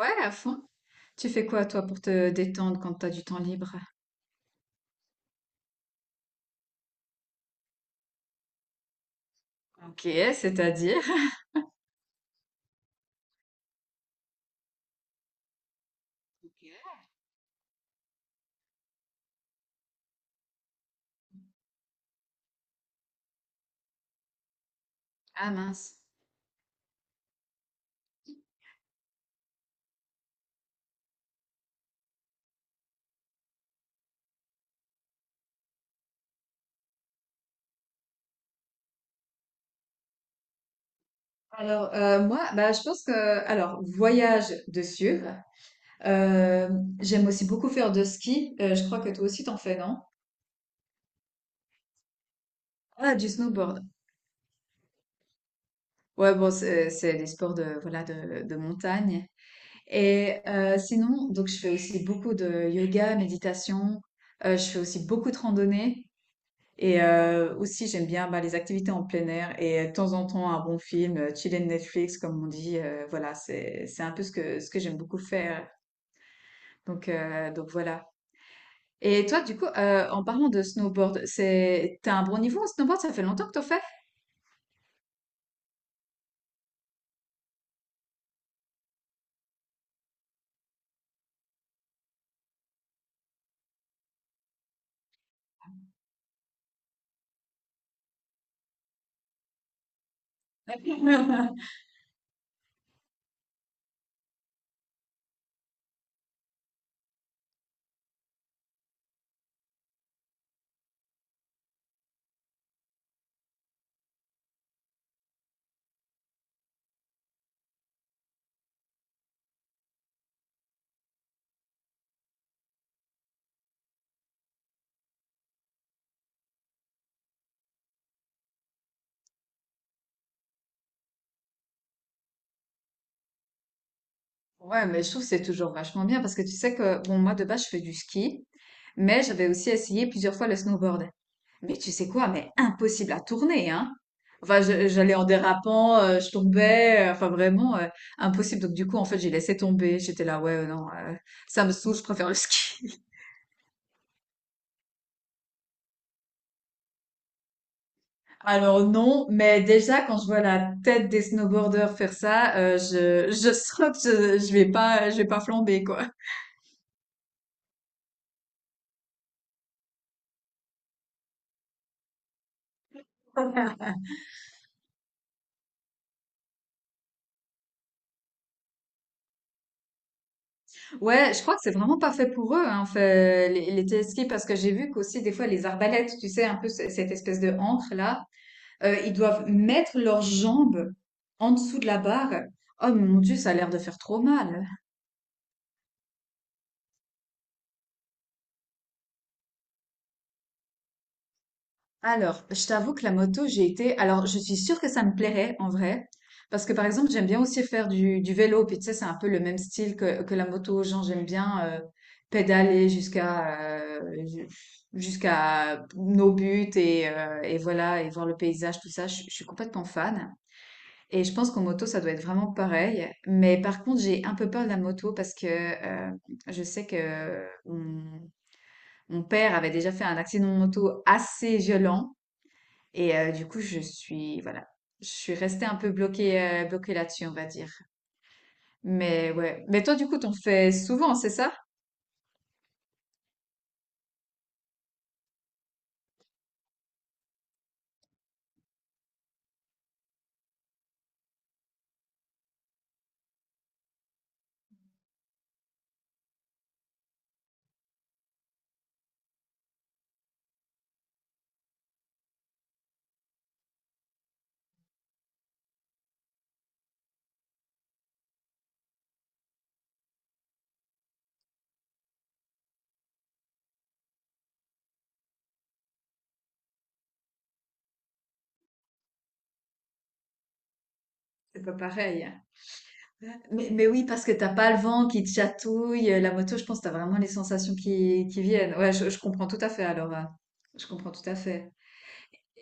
Ouais, à fond. Tu fais quoi, toi, pour te détendre quand t'as du temps libre? OK, c'est-à-dire? Ok. Ah mince. Alors, moi, bah, je pense que, alors, voyage de sûr. Euh, j'aime aussi beaucoup faire de ski. Je crois que toi aussi, t'en fais, non? Ah, du snowboard. Ouais, bon, c'est les sports de montagne. Et sinon, donc, je fais aussi beaucoup de yoga, méditation. Je fais aussi beaucoup de randonnée. Et aussi j'aime bien, bah, les activités en plein air et de temps en temps un bon film, chiller Netflix comme on dit, voilà, c'est un peu ce que j'aime beaucoup faire. Donc voilà. Et toi du coup, en parlant de snowboard, c'est t'as un bon niveau en snowboard? Ça fait longtemps que t'en fais? Ouais, mais je trouve que c'est toujours vachement bien parce que tu sais que bon moi de base je fais du ski, mais j'avais aussi essayé plusieurs fois le snowboard. Mais tu sais quoi? Mais impossible à tourner, hein? Enfin, j'allais en dérapant, je tombais, enfin vraiment impossible. Donc du coup, en fait, j'ai laissé tomber. J'étais là, ouais, non, ça me saoule, je préfère le ski. Alors non, mais déjà quand je vois la tête des snowboarders faire ça, je sens que je vais pas, je vais pas flamber quoi. Ouais, je crois que c'est vraiment pas fait pour eux, hein, fait, les téléskis, parce que j'ai vu qu'aussi des fois les arbalètes, tu sais, un peu cette espèce de ancre là. Ils doivent mettre leurs jambes en dessous de la barre. Oh mon Dieu, ça a l'air de faire trop mal. Alors, je t'avoue que la moto, j'ai été… Alors, je suis sûre que ça me plairait en vrai. Parce que par exemple, j'aime bien aussi faire du vélo. Puis tu sais, c'est un peu le même style que la moto. Genre, j'aime bien pédaler jusqu'à jusqu'à nos buts et voilà, et voir le paysage, tout ça. Je suis complètement fan. Et je pense qu'en moto, ça doit être vraiment pareil. Mais par contre, j'ai un peu peur de la moto parce que je sais que mon père avait déjà fait un accident de moto assez violent. Et du coup, je suis, voilà, je suis restée un peu bloquée, bloquée là-dessus, on va dire. Mais ouais. Mais toi, du coup, t'en fais souvent, c'est ça? C'est pas pareil. Mais oui, parce que t'as pas le vent qui te chatouille. La moto, je pense que t'as vraiment les sensations qui viennent. Ouais, je comprends tout à fait alors, hein. Je comprends tout à fait.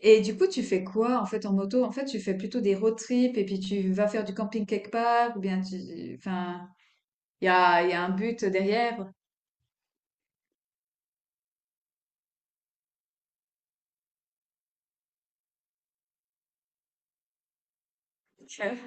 Et du coup, tu fais quoi en fait en moto? En fait, tu fais plutôt des road trips et puis tu vas faire du camping quelque part ou bien tu… Enfin, il y a un but derrière. Ok.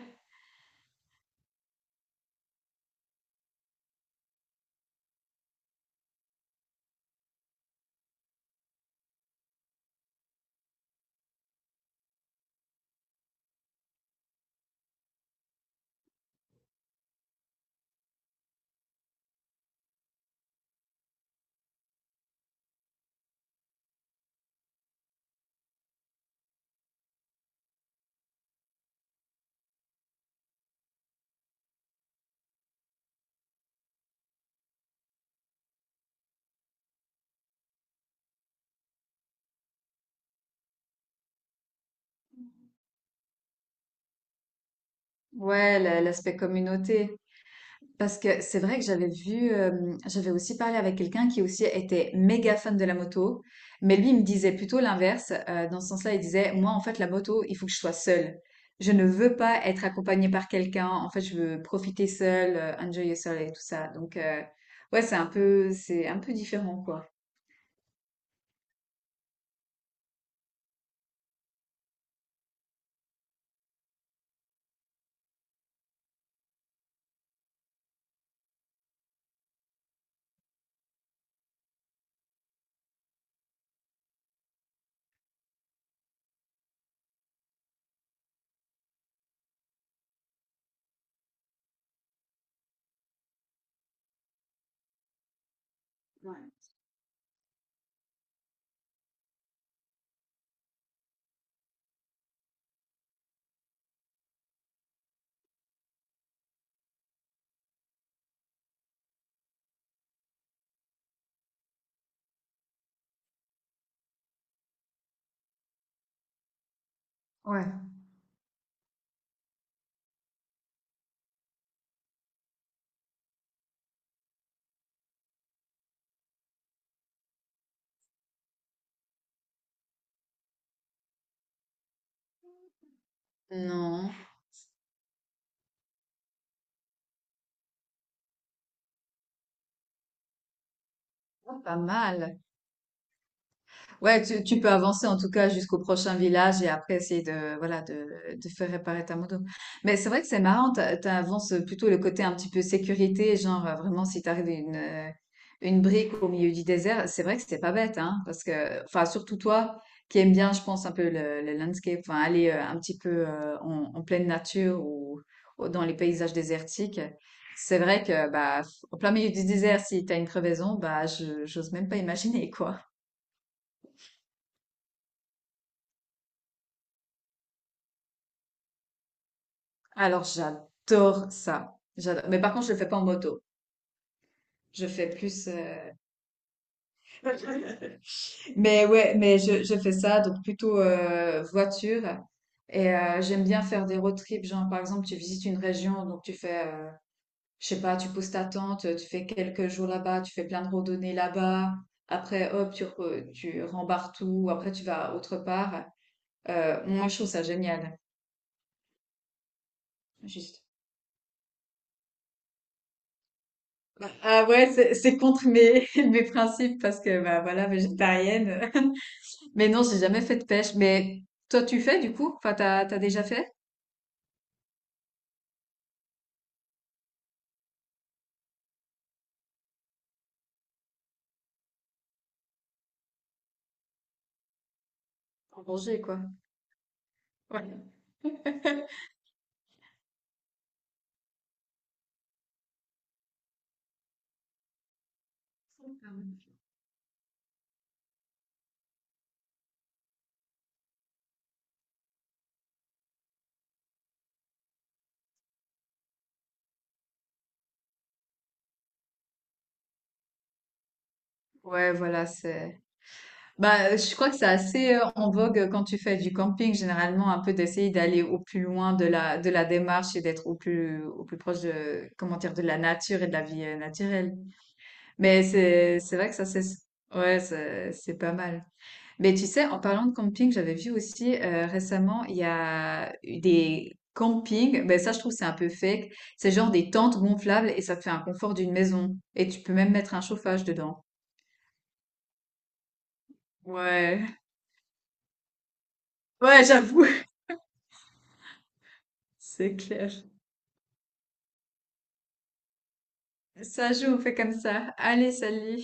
Ouais, l'aspect communauté. Parce que c'est vrai que j'avais vu, j'avais aussi parlé avec quelqu'un qui aussi était méga fan de la moto, mais lui, il me disait plutôt l'inverse, dans ce sens-là, il disait: «Moi, en fait, la moto, il faut que je sois seul. Je ne veux pas être accompagné par quelqu'un. En fait, je veux profiter seul, enjoy yourself et tout ça». Donc ouais, c'est un peu différent, quoi. Ouais. Non. Oh, pas mal. Ouais, tu peux avancer en tout cas jusqu'au prochain village et après essayer de faire réparer ta moto. Mais c'est vrai que c'est marrant, t'avances plutôt le côté un petit peu sécurité, genre vraiment si t'arrives une brique au milieu du désert, c'est vrai que c'était pas bête, hein, parce que, enfin, surtout toi qui aimes bien, je pense, un peu le landscape, enfin, aller un petit peu en pleine nature ou dans les paysages désertiques. C'est vrai que, bah, au plein milieu du désert, si t'as une crevaison, bah, j'ose même pas imaginer, quoi. Alors, j'adore ça. J'adore. Mais par contre, je le fais pas en moto. Je fais plus. Mais ouais, mais je fais ça, donc plutôt voiture. Et j'aime bien faire des road trips. Genre, par exemple, tu visites une région, donc tu fais, je sais pas, tu poses ta tente, tu fais quelques jours là-bas, tu fais plein de randonnées là-bas. Après, hop, tu rembarres tout. Après, tu vas autre part. Moi, je trouve ça génial. Bah, ah ouais, c'est contre mes, mes principes parce que bah voilà, végétarienne. Mais non, j'ai jamais fait de pêche. Mais toi, tu fais du coup? Enfin, t'as déjà fait? En manger, quoi. Ouais. Ouais, voilà, c'est. Bah, je crois que c'est assez en vogue quand tu fais du camping, généralement, un peu d'essayer d'aller au plus loin de la démarche et d'être au plus proche de, comment dire, de la nature et de la vie naturelle. Mais c'est vrai que ça, c'est, ouais, c'est pas mal. Mais tu sais, en parlant de camping, j'avais vu aussi récemment, il y a eu des campings. Ben ça, je trouve c'est un peu fake. C'est genre des tentes gonflables et ça te fait un confort d'une maison. Et tu peux même mettre un chauffage dedans. Ouais, ouais, j'avoue, c'est clair. Ça joue, on fait comme ça. Allez, salut.